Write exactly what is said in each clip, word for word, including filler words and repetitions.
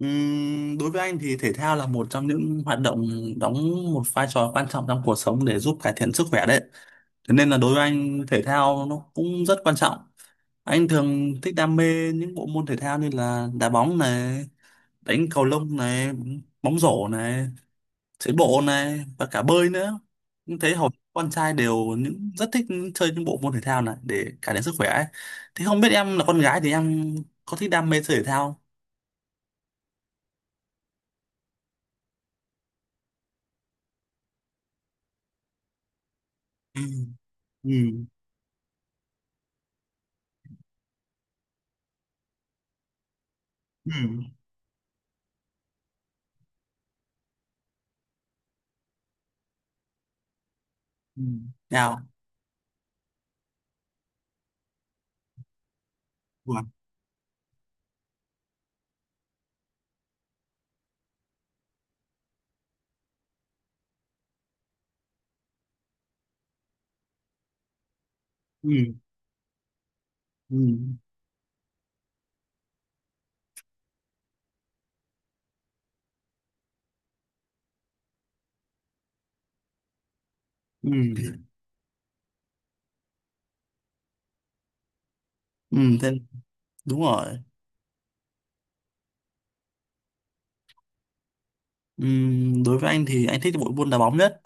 Ừm, đối với anh thì thể thao là một trong những hoạt động đóng một vai trò quan trọng trong cuộc sống để giúp cải thiện sức khỏe đấy. Thế nên là đối với anh thể thao nó cũng rất quan trọng. Anh thường thích đam mê những bộ môn thể thao như là đá bóng này, đánh cầu lông này, bóng rổ này, chạy bộ này và cả bơi nữa. Nhưng thấy hầu con trai đều những rất thích chơi những bộ môn thể thao này để cải thiện sức khỏe ấy. Thế không biết em là con gái thì em có thích đam mê chơi thể thao? Ừ. Ừ. Ừ. Ừ. Nào. Wow. Ừ. Ừ. Ừ. Ừ. Thế, đúng rồi, ừ, đối với anh thì anh thích bộ môn đá bóng nhất,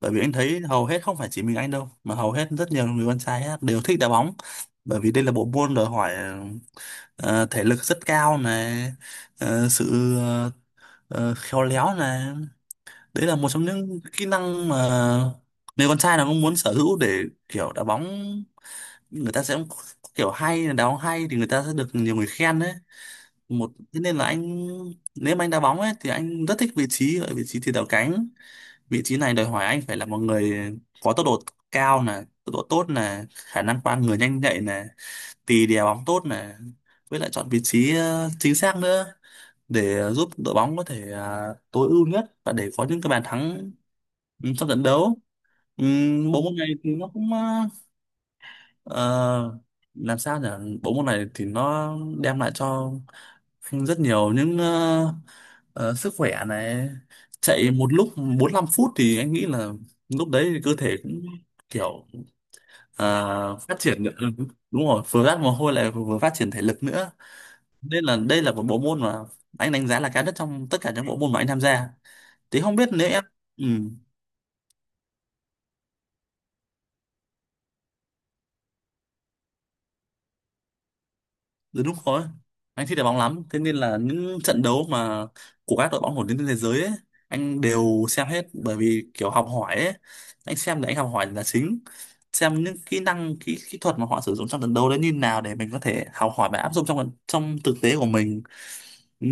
bởi vì anh thấy hầu hết không phải chỉ mình anh đâu mà hầu hết rất nhiều người con trai á, đều thích đá bóng, bởi vì đây là bộ môn đòi hỏi ờ, thể lực rất cao này, ờ, sự ờ, khéo léo này. Đấy là một trong những kỹ năng mà người con trai nào cũng muốn sở hữu để kiểu đá bóng, người ta sẽ kiểu hay đá bóng hay thì người ta sẽ được nhiều người khen đấy. Một thế nên là anh, nếu mà anh đá bóng ấy thì anh rất thích vị trí ở vị trí tiền đạo cánh. Vị trí này đòi hỏi anh phải là một người có tốc độ cao nè, tốc độ tốt nè, khả năng qua người nhanh nhạy nè, tì đè bóng tốt nè, với lại chọn vị trí ờ, chính xác nữa để ờ, giúp đội bóng có thể ờ, tối ưu nhất và để có những cái bàn thắng ừ, trong trận đấu. Ừm, bộ môn này thì nó cũng ờ, ờ, làm sao nhỉ, bộ môn này thì nó đem lại cho rất nhiều những ờ, ờ, sức khỏe này. Chạy một lúc bốn mươi lăm phút thì anh nghĩ là lúc đấy thì cơ thể cũng kiểu ờ, phát triển được ừ, đúng rồi, vừa ra mồ hôi lại vừa phát triển thể lực nữa, nên là đây là một bộ môn mà anh đánh giá là cao nhất trong tất cả những bộ môn mà anh tham gia, thì không biết nếu em ừ. Đúng đúng rồi. Anh thích đá bóng lắm, thế nên là những trận đấu mà của các đội bóng nổi tiếng trên thế giới ấy, anh đều xem hết bởi vì kiểu học hỏi ấy, anh xem để anh học hỏi là chính. Xem những kỹ năng, kỹ kỹ thuật mà họ sử dụng trong trận đấu đấy như nào để mình có thể học hỏi và áp dụng trong trong thực tế của mình.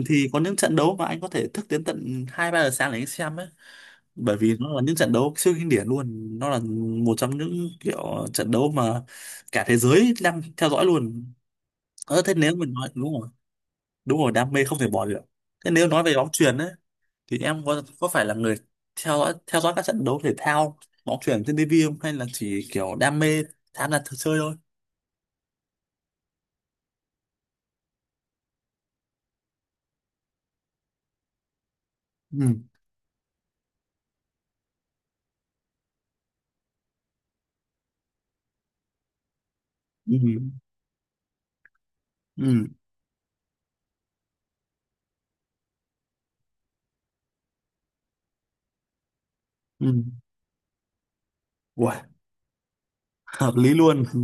Thì có những trận đấu mà anh có thể thức đến tận hai ba giờ sáng để anh xem ấy, bởi vì nó là những trận đấu siêu kinh điển luôn, nó là một trong những kiểu trận đấu mà cả thế giới đang theo dõi luôn. Ờ, thế nếu mình nói đúng rồi, đúng rồi, đam mê không thể bỏ được. Thế nếu nói về bóng chuyền ấy thì em có có phải là người theo dõi theo dõi các trận đấu thể thao bóng chuyền trên ti vi không, hay là chỉ kiểu đam mê tham gia thử chơi thôi. Ừ. Ừ. Ừ. Ừ. Uầy, hợp lý luôn. Ừ.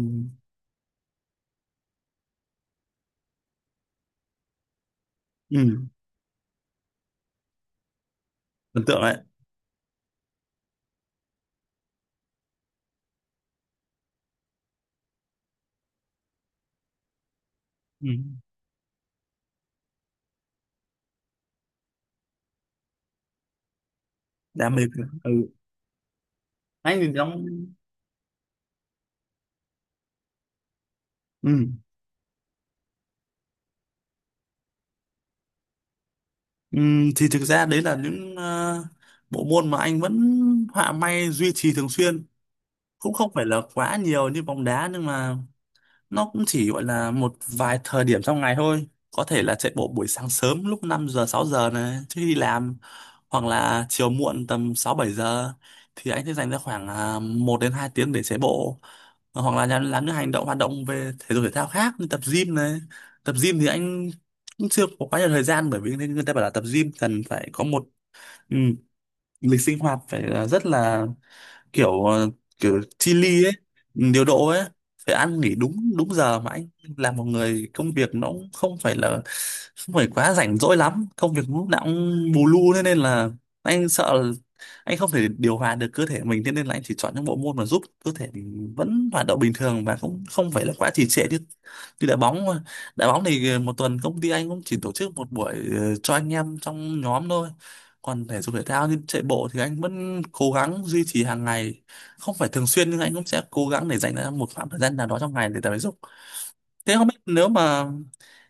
Ừ. Ấn tượng đấy. Ừ. Đam mê cơ. Ừ. Anh thì đóng ừ. Ừ, thì thực ra đấy là những ờ, bộ môn mà anh vẫn họa may duy trì thường xuyên, cũng không phải là quá nhiều như bóng đá, nhưng mà nó cũng chỉ gọi là một vài thời điểm trong ngày thôi, có thể là chạy bộ buổi sáng sớm lúc năm giờ sáu giờ này trước khi đi làm, hoặc là chiều muộn tầm sáu bảy giờ thì anh sẽ dành ra khoảng à, một đến hai tiếng để chạy bộ, hoặc là làm, làm những hành động hoạt động về thể dục thể thao khác như tập gym này. Tập gym thì anh cũng chưa có quá nhiều thời gian, bởi vì người ta bảo là tập gym cần phải có một ừ, lịch sinh hoạt phải là rất là kiểu ờ, kiểu chi ly ấy, điều độ ấy, phải ăn nghỉ đúng đúng giờ, mà anh là một người công việc nó cũng không phải là không phải quá rảnh rỗi lắm, công việc lúc nào cũng bù lu, thế nên là anh sợ là anh không thể điều hòa được cơ thể mình, thế nên là anh chỉ chọn những bộ môn mà giúp cơ thể mình vẫn hoạt động bình thường và cũng không phải là quá trì trệ như như đá bóng mà. Đá bóng thì ờ, một tuần công ty anh cũng chỉ tổ chức một buổi ờ, cho anh em trong nhóm thôi, còn thể dục thể thao như chạy bộ thì anh vẫn cố gắng duy trì hàng ngày, không phải thường xuyên nhưng anh cũng sẽ cố gắng để dành ra một khoảng thời gian nào đó trong ngày để tập thể dục. Thế không biết nếu mà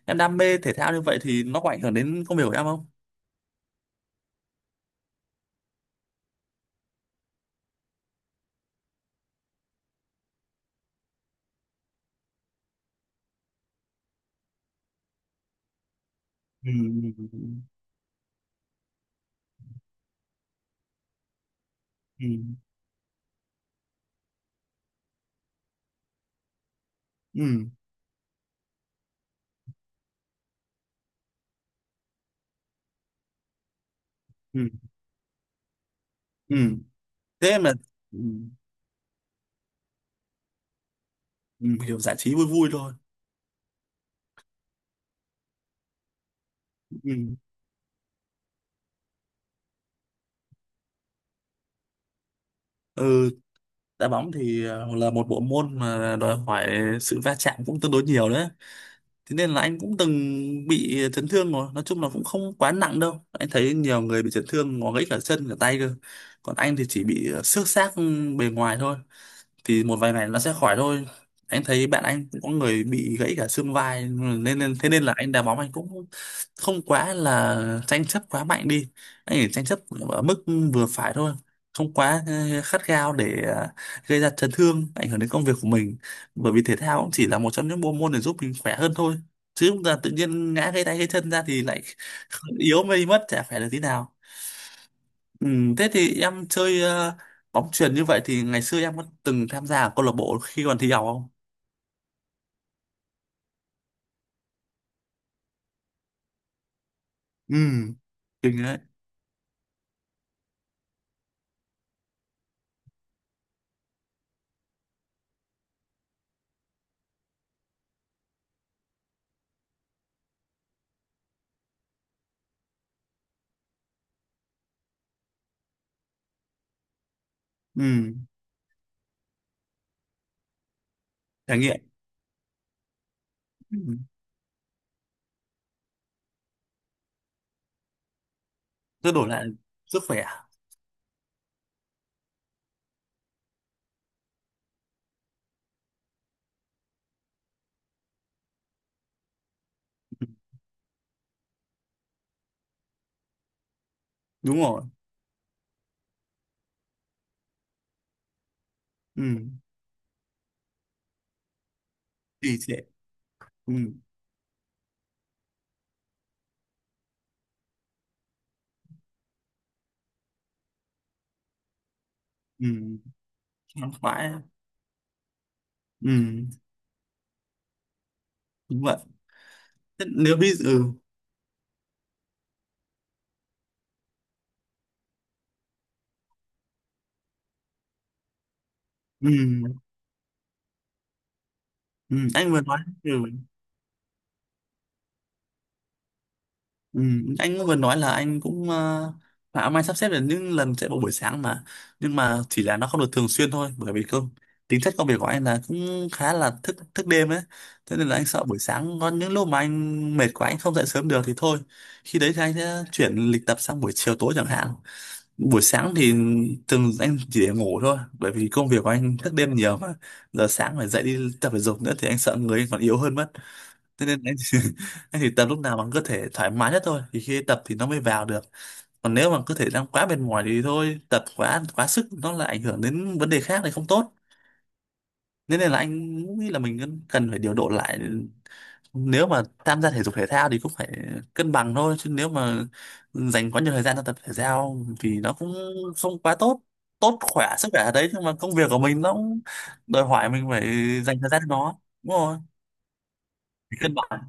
em đam mê thể thao như vậy thì nó có ảnh hưởng đến công việc của em không. Ừ. Ừ. Ừ. Ừ. Ừ. Thế em là ừ, ừ, hiểu, giải trí vui vui thôi. Ừ. Ừ. Đá bóng thì ờ, là một bộ môn mà đòi hỏi sự va chạm cũng tương đối nhiều đấy, thế nên là anh cũng từng bị chấn thương rồi, nói chung là cũng không quá nặng đâu, anh thấy nhiều người bị chấn thương ngó gãy cả chân cả tay cơ, còn anh thì chỉ bị ờ, xước xác bề ngoài thôi, thì một vài ngày nó sẽ khỏi thôi. Anh thấy bạn anh cũng có người bị gãy cả xương vai nên, nên thế nên là anh đá bóng anh cũng không quá là tranh chấp quá mạnh đi, anh chỉ tranh chấp ở mức vừa phải thôi, không quá ờ, khát khao để ờ, gây ra chấn thương ảnh hưởng đến công việc của mình, bởi vì thể thao cũng chỉ là một trong những bộ môn để giúp mình khỏe hơn thôi, chứ chúng ta tự nhiên ngã gãy tay gãy chân ra thì lại yếu mây mất, chả khỏe được tí nào. Ừ, thế thì em chơi ờ, bóng chuyền như vậy thì ngày xưa em có từng tham gia ở câu lạc bộ khi còn thi học không? Ừ, kinh đấy. Ừ, trải nghiệm. Ừ, rất đổi lại sức khỏe. Ừ, đúng rồi. Ừ, thì sẽ ừ, ừ, khoan khoái. Ừ, đúng vậy. Thế nếu bây giờ ừ, ừ, anh vừa nói ừ. Ừ, anh cũng vừa nói là anh cũng uh, mà ông anh sắp xếp được những lần chạy bộ buổi sáng mà, nhưng mà chỉ là nó không được thường xuyên thôi, bởi vì công tính chất công việc của anh là cũng khá là thức thức đêm ấy, thế nên là anh sợ buổi sáng có những lúc mà anh mệt quá anh không dậy sớm được thì thôi, khi đấy thì anh sẽ chuyển lịch tập sang buổi chiều tối chẳng hạn. Buổi sáng thì thường anh chỉ để ngủ thôi, bởi vì công việc của anh thức đêm nhiều mà, giờ sáng phải dậy đi tập thể dục nữa thì anh sợ người anh còn yếu hơn mất. Thế nên anh thì, anh thì tập lúc nào bằng cơ thể thoải mái nhất thôi, thì khi tập thì nó mới vào được, còn nếu mà cơ thể đang quá mệt mỏi thì thôi, tập quá quá sức nó lại ảnh hưởng đến vấn đề khác thì không tốt. Thế nên là anh nghĩ là mình cần cần phải điều độ lại, nếu mà tham gia thể dục thể thao thì cũng phải cân bằng thôi, chứ nếu mà dành quá nhiều thời gian cho tập thể thao thì nó cũng không quá tốt, tốt khỏe sức khỏe ở đấy, nhưng mà công việc của mình nó cũng đòi hỏi mình phải dành thời gian cho nó, đúng rồi, phải cân bằng.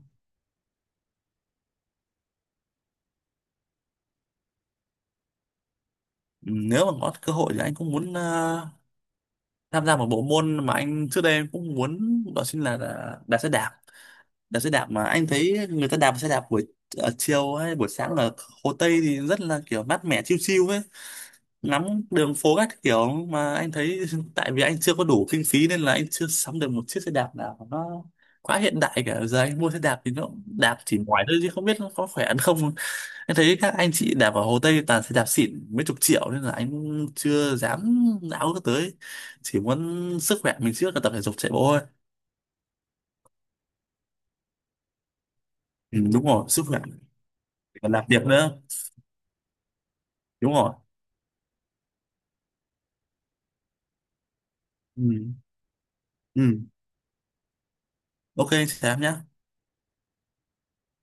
Ừ, nếu mà có cơ hội thì anh cũng muốn ờ, tham gia một bộ môn mà anh trước đây em cũng muốn, đó chính là là đạp xe đạp. Đạp xe đạp mà anh thấy người ta đạp xe đạp buổi ở chiều hay buổi sáng ở Hồ Tây thì rất là kiểu mát mẻ, chill chill ấy, ngắm đường phố các kiểu, mà anh thấy tại vì anh chưa có đủ kinh phí nên là anh chưa sắm được một chiếc xe đạp nào nó quá hiện đại cả, giờ anh mua xe đạp thì nó cũng đạp chỉ ngoài thôi chứ không biết nó có khỏe ăn không. Anh thấy các anh chị đạp ở Hồ Tây toàn sẽ đạp xịn mấy chục triệu nên là anh chưa dám não nó tới. Chỉ muốn sức khỏe mình trước là tập thể dục chạy bộ thôi. Ừ, đúng rồi, sức khỏe. Còn làm việc nữa. Đúng rồi. Ừ. Ừ. Ok, chị Thám nhá.